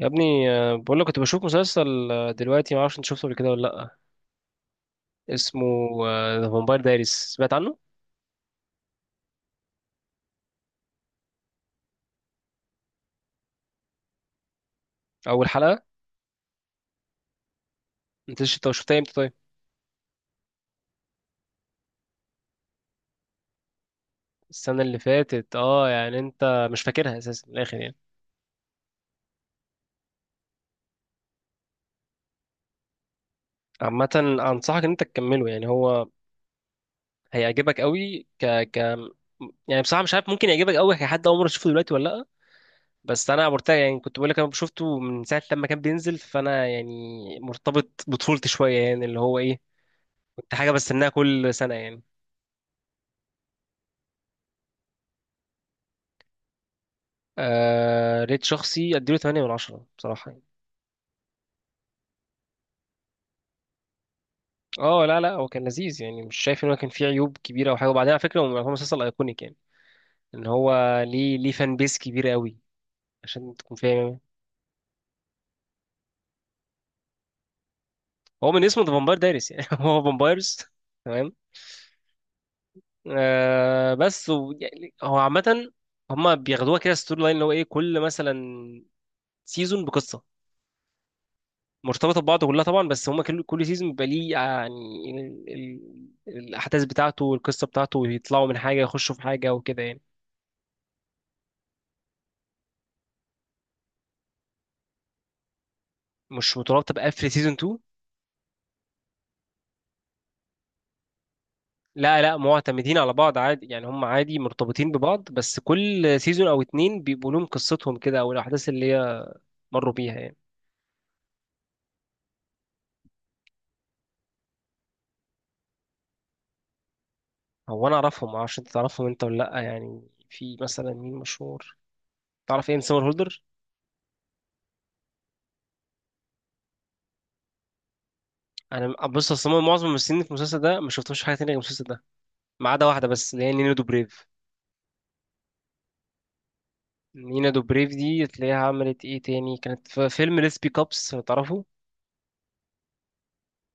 يا ابني بقول لك كنت بشوف مسلسل، دلوقتي ما اعرفش انت شفته قبل كده ولا لا. اسمه ذا فامباير دايريز، سمعت عنه؟ اول حلقه. انت شفتها امتى طيب؟ السنه اللي فاتت، اه يعني انت مش فاكرها اساسا من الاخر يعني. عامه، انصحك ان انت تكمله، يعني هو هيعجبك قوي. ك ك يعني بصراحه مش عارف، ممكن يعجبك قوي كحد اول مره تشوفه دلوقتي ولا لا. بس انا مرتاح، يعني كنت بقول لك انا شفته من ساعه لما كان بينزل، فانا يعني مرتبط بطفولتي شويه، يعني اللي هو ايه، كنت حاجه بستناها كل سنه يعني. آه، ريت شخصي اديله 8 من 10 بصراحه يعني. اه لا لا، هو كان لذيذ يعني، مش شايف ان هو كان فيه عيوب كبيره او حاجه، وبعدين على فكره هو يعتبر مسلسل ايكونيك يعني. ان هو ليه، ليه فان بيس كبيره قوي، عشان تكون فاهم يعني. هو من اسمه ذا فامباير دايرس يعني هو فامبايرز. تمام. آه بس و... يعني هو عامه هما بياخدوها كده ستوري لاين، اللي هو ايه، كل مثلا سيزون بقصه مرتبطه ببعض كلها طبعا، بس هما كل سيزون بيبقى ليه يعني ال... الاحداث بتاعته والقصه بتاعته، يطلعوا من حاجه يخشوا في حاجه وكده يعني. مش مترابطه بقفل سيزون 2. لا لا، معتمدين على بعض عادي يعني، هم عادي مرتبطين ببعض، بس كل سيزون او اتنين بيبقوا لهم قصتهم كده، او الاحداث اللي هي مروا بيها يعني. هو انا اعرفهم، معرفش انت تعرفهم انت ولا لا يعني. في مثلا مين مشهور، تعرف ايه سمر هولدر؟ انا بص، اصلا معظم الممثلين في المسلسل ده ما شفتهمش في حاجه تانية غير المسلسل ده، ما عدا واحده بس اللي هي نينو دوبريف. نينا دوبريف دي تلاقيها عملت ايه تاني، كانت في فيلم ليس بيك ابس لو تعرفه.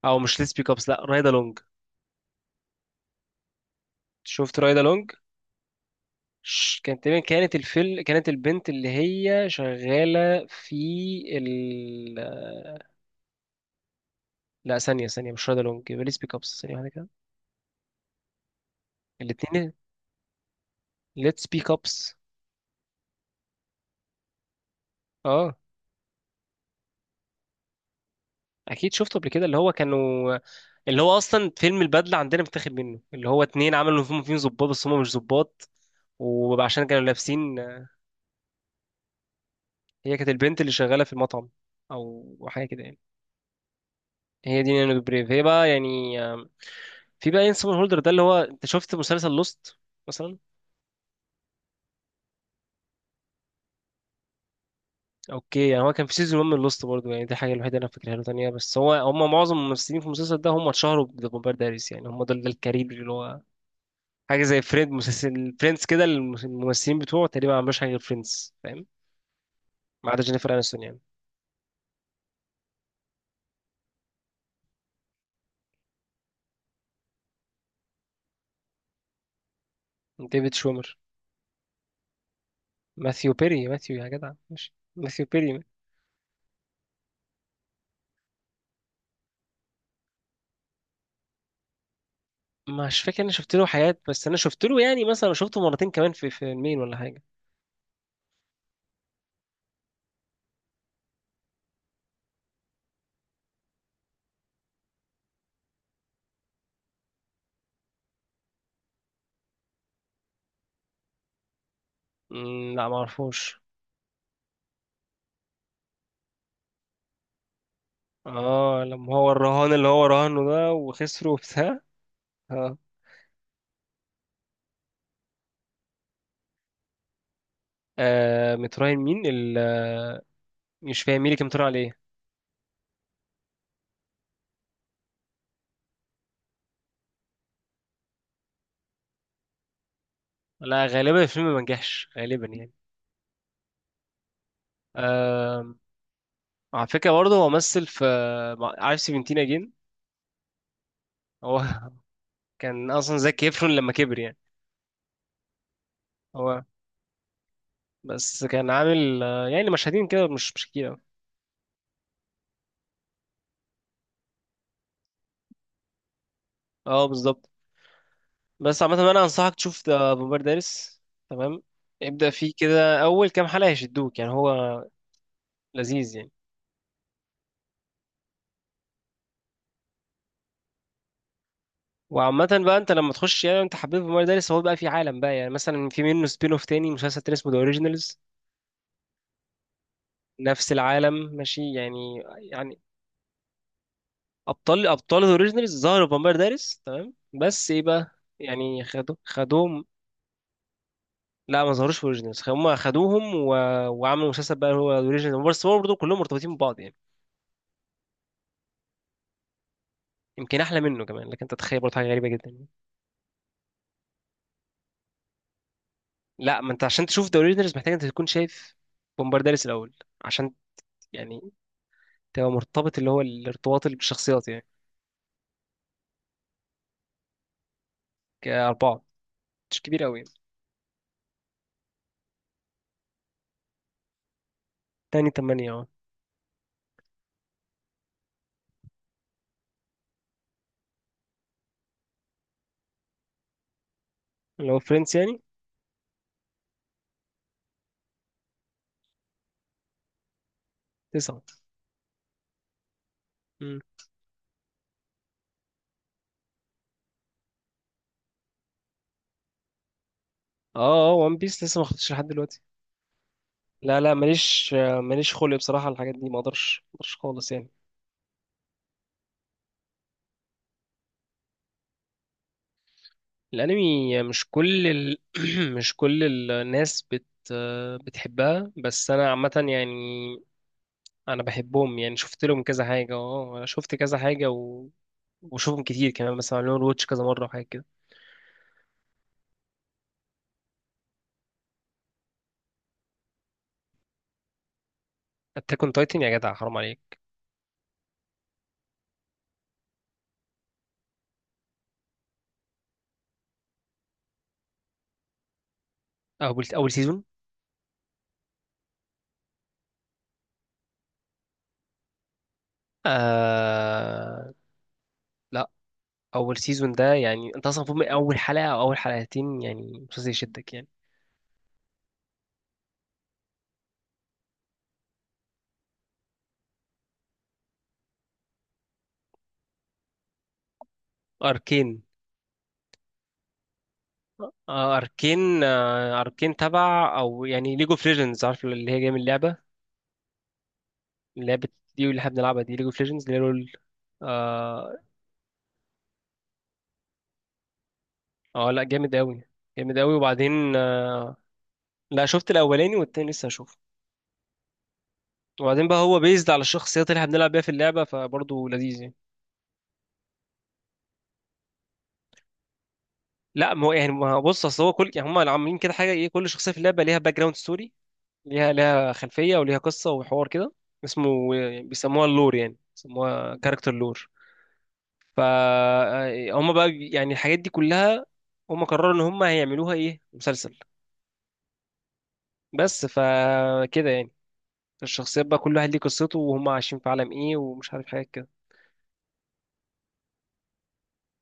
او مش ليس بيك ابس، لا، رايدا لونج. شفت رايدا لونج؟ كانت تقريبا، كانت الفيل، كانت البنت اللي هي شغالة في ال... لا، ثانية، مش رايدا لونج، يبقى ليتس بيك ابس، ثانية واحدة كده. الاتنين، ليتس بيك ابس. اه اكيد شفته قبل كده، اللي هو كانوا، اللي هو اصلا فيلم البدلة عندنا متاخد منه، اللي هو اتنين عملوا فيهم ظباط بس هم مش ظباط، وعشان كانوا لابسين. هي كانت البنت اللي شغاله في المطعم او حاجه كده يعني. هي دي نانو بريف. هي بقى يعني في بقى اين سمون هولدر، ده اللي هو انت شفت مسلسل لوست مثلا؟ اوكي، يعني هو كان في سيزون 1 من لوست برضه، يعني دي الحاجه الوحيده اللي انا فاكرها له تانية، بس هو هم معظم الممثلين في المسلسل ده هم اتشهروا بذا فامباير دايريز يعني، هم دول ده الكارير اللي هو حاجه زي فريند، مسلسل فريندز كده، الممثلين بتوعه تقريبا ما عملوش حاجه غير فريندز، فاهم؟ ما عدا جينيفر انستون يعني. ديفيد شومر. ماثيو بيري، ماثيو، يا جدع ماشي، ماثيو بيري. مش فاكر، انا شفت له حاجات، بس انا شفت له يعني مثلا شفته مرتين كمان في فيلمين ولا حاجه. لا ما اعرفوش. اه لما هو الرهان اللي هو رهانه ده وخسره وبتاع. اه. متراهن مين ال... مش فاهم مين اللي كان متراهن عليه. لا غالبا الفيلم ما نجحش غالبا يعني. آه. على فكره برضه هو مثل في عارف سيفنتين اجين؟ هو كان اصلا زكي ايفرون لما كبر يعني. هو بس كان عامل يعني مشاهدين كده مش مش كتير أوي. اه بالظبط. بس عامة انا انصحك تشوف ذا بومبارديرس. تمام. ابدأ فيه كده، اول كام حلقة هيشدوك يعني، هو لذيذ يعني. وعامة بقى انت لما تخش، يعني انت حبيت بومبارديرس، هو بقى في عالم بقى، يعني مثلا في منه سبين اوف، تاني مسلسل تاني اسمه ذا اوريجينالز. نفس العالم ماشي يعني يعني. ابطال ذا اوريجينالز ظهروا في بومبارديرس، تمام؟ بس ايه بقى، يعني خدوهم، لا ما ظهروش في اوريجينالز، هم خدوهم و... وعملوا مسلسل بقى هو اوريجينالز، بس هو برضه كلهم مرتبطين ببعض يعني. يمكن احلى منه كمان، لكن انت تتخيل برضه حاجه غريبه جدا. لا، ما انت عشان تشوف ذا اوريجينالز محتاج انت تكون شايف بومبارداليس الاول، عشان يعني تبقى مرتبط، اللي هو الارتباط اللي بالشخصيات يعني. كأربعة، مش كبير قوي. تاني تمانية اه. اللي هو فريندز يعني. تسعة. مم. اه اه، وان بيس لسه ما خدتش لحد دلوقتي. لا لا، ماليش، ماليش خلق بصراحة على الحاجات دي، ما اقدرش ما اقدرش خالص يعني. الانمي مش كل ال... مش كل الناس بت بتحبها، بس انا عامة يعني انا بحبهم يعني، شفت لهم كذا حاجه، اه انا شفت كذا حاجه و... وشوفهم كتير كمان، بس عملوا واتش كذا مره وحاجات كده. اتاك اون تايتن يا جدع، حرام عليك. اول اول سيزون؟ آه... لا، اول سيزون ده يعني انت اصلا فوق من اول حلقه او اول حلقتين، يعني مسلسل يشدك يعني. اركين. آه اركين. آه اركين تبع او يعني ليجو اوف ليجندز، عارف اللي هي جايه من اللعبه، اللعبه دي اللي احنا بنلعبها دي ليجو اوف ليجندز اللي هي رول. اه. لا جامد قوي، جامد قوي وبعدين. لا شفت الاولاني والتاني لسه هشوفه. وبعدين بقى هو بيزد على الشخصيات اللي احنا بنلعب بيها في اللعبه، فبرضه لذيذ يعني. لا ما هو يعني ما هو بص، اصل هو كل يعني هم عاملين كده حاجه ايه، كل شخصيه في اللعبه ليها باك جراوند ستوري، ليها خلفيه وليها قصه وحوار كده. اسمه يعني بيسموها اللور، يعني بيسموها كاركتر لور. ف هم بقى يعني الحاجات دي كلها هم قرروا ان هم هيعملوها ايه مسلسل. بس فكده يعني الشخصيات بقى كل واحد ليه قصته، وهم عايشين في عالم ايه ومش عارف حاجه.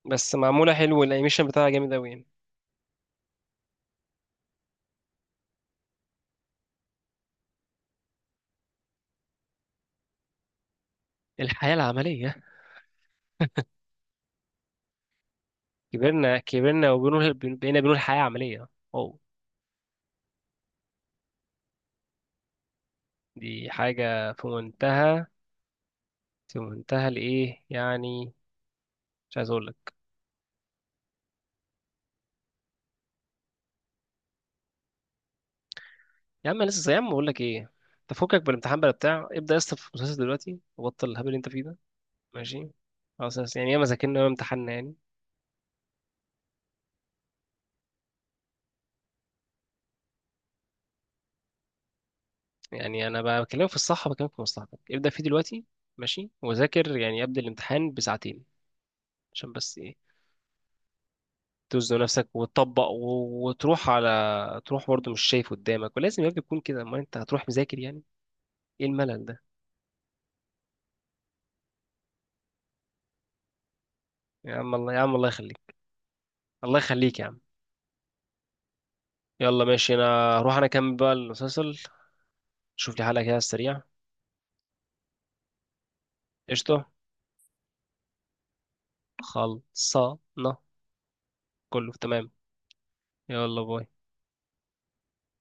بس معموله حلو والانيميشن بتاعها جامد قوي يعني. الحياه العمليه. كبرنا وبنقول بقينا بنقول حياه عمليه، واو. دي حاجه في منتهى، في منتهى الايه يعني، مش عايز اقول لك. يا عم أنا لسه، يا عم اقول لك ايه، تفكك بالامتحان بلا بتاع، ابدا يا اسطى في المسلسل دلوقتي وبطل الهبل اللي انت فيه ده. ماشي، خلاص يا اسطى، يعني ياما ذاكرنا وياما امتحنا يعني. يعني انا بقى بكلمك في الصح، بكلمك في مصلحتك، ابدا فيه دلوقتي، ماشي، وذاكر يعني قبل الامتحان بساعتين، عشان بس ايه، تزنق نفسك وتطبق و- وتروح على، تروح برضه مش شايف قدامك، ولازم يا ابني تكون كده، ما انت هتروح مذاكر يعني. ايه الملل ده؟ يا عم الله، يا عم الله يخليك، الله يخليك يا عم. يلا ماشي، انا هروح انا اكمل بقى المسلسل، شوف لي حلقة كده على السريع. قشطة، خلصانة، كله تمام. يلا باي.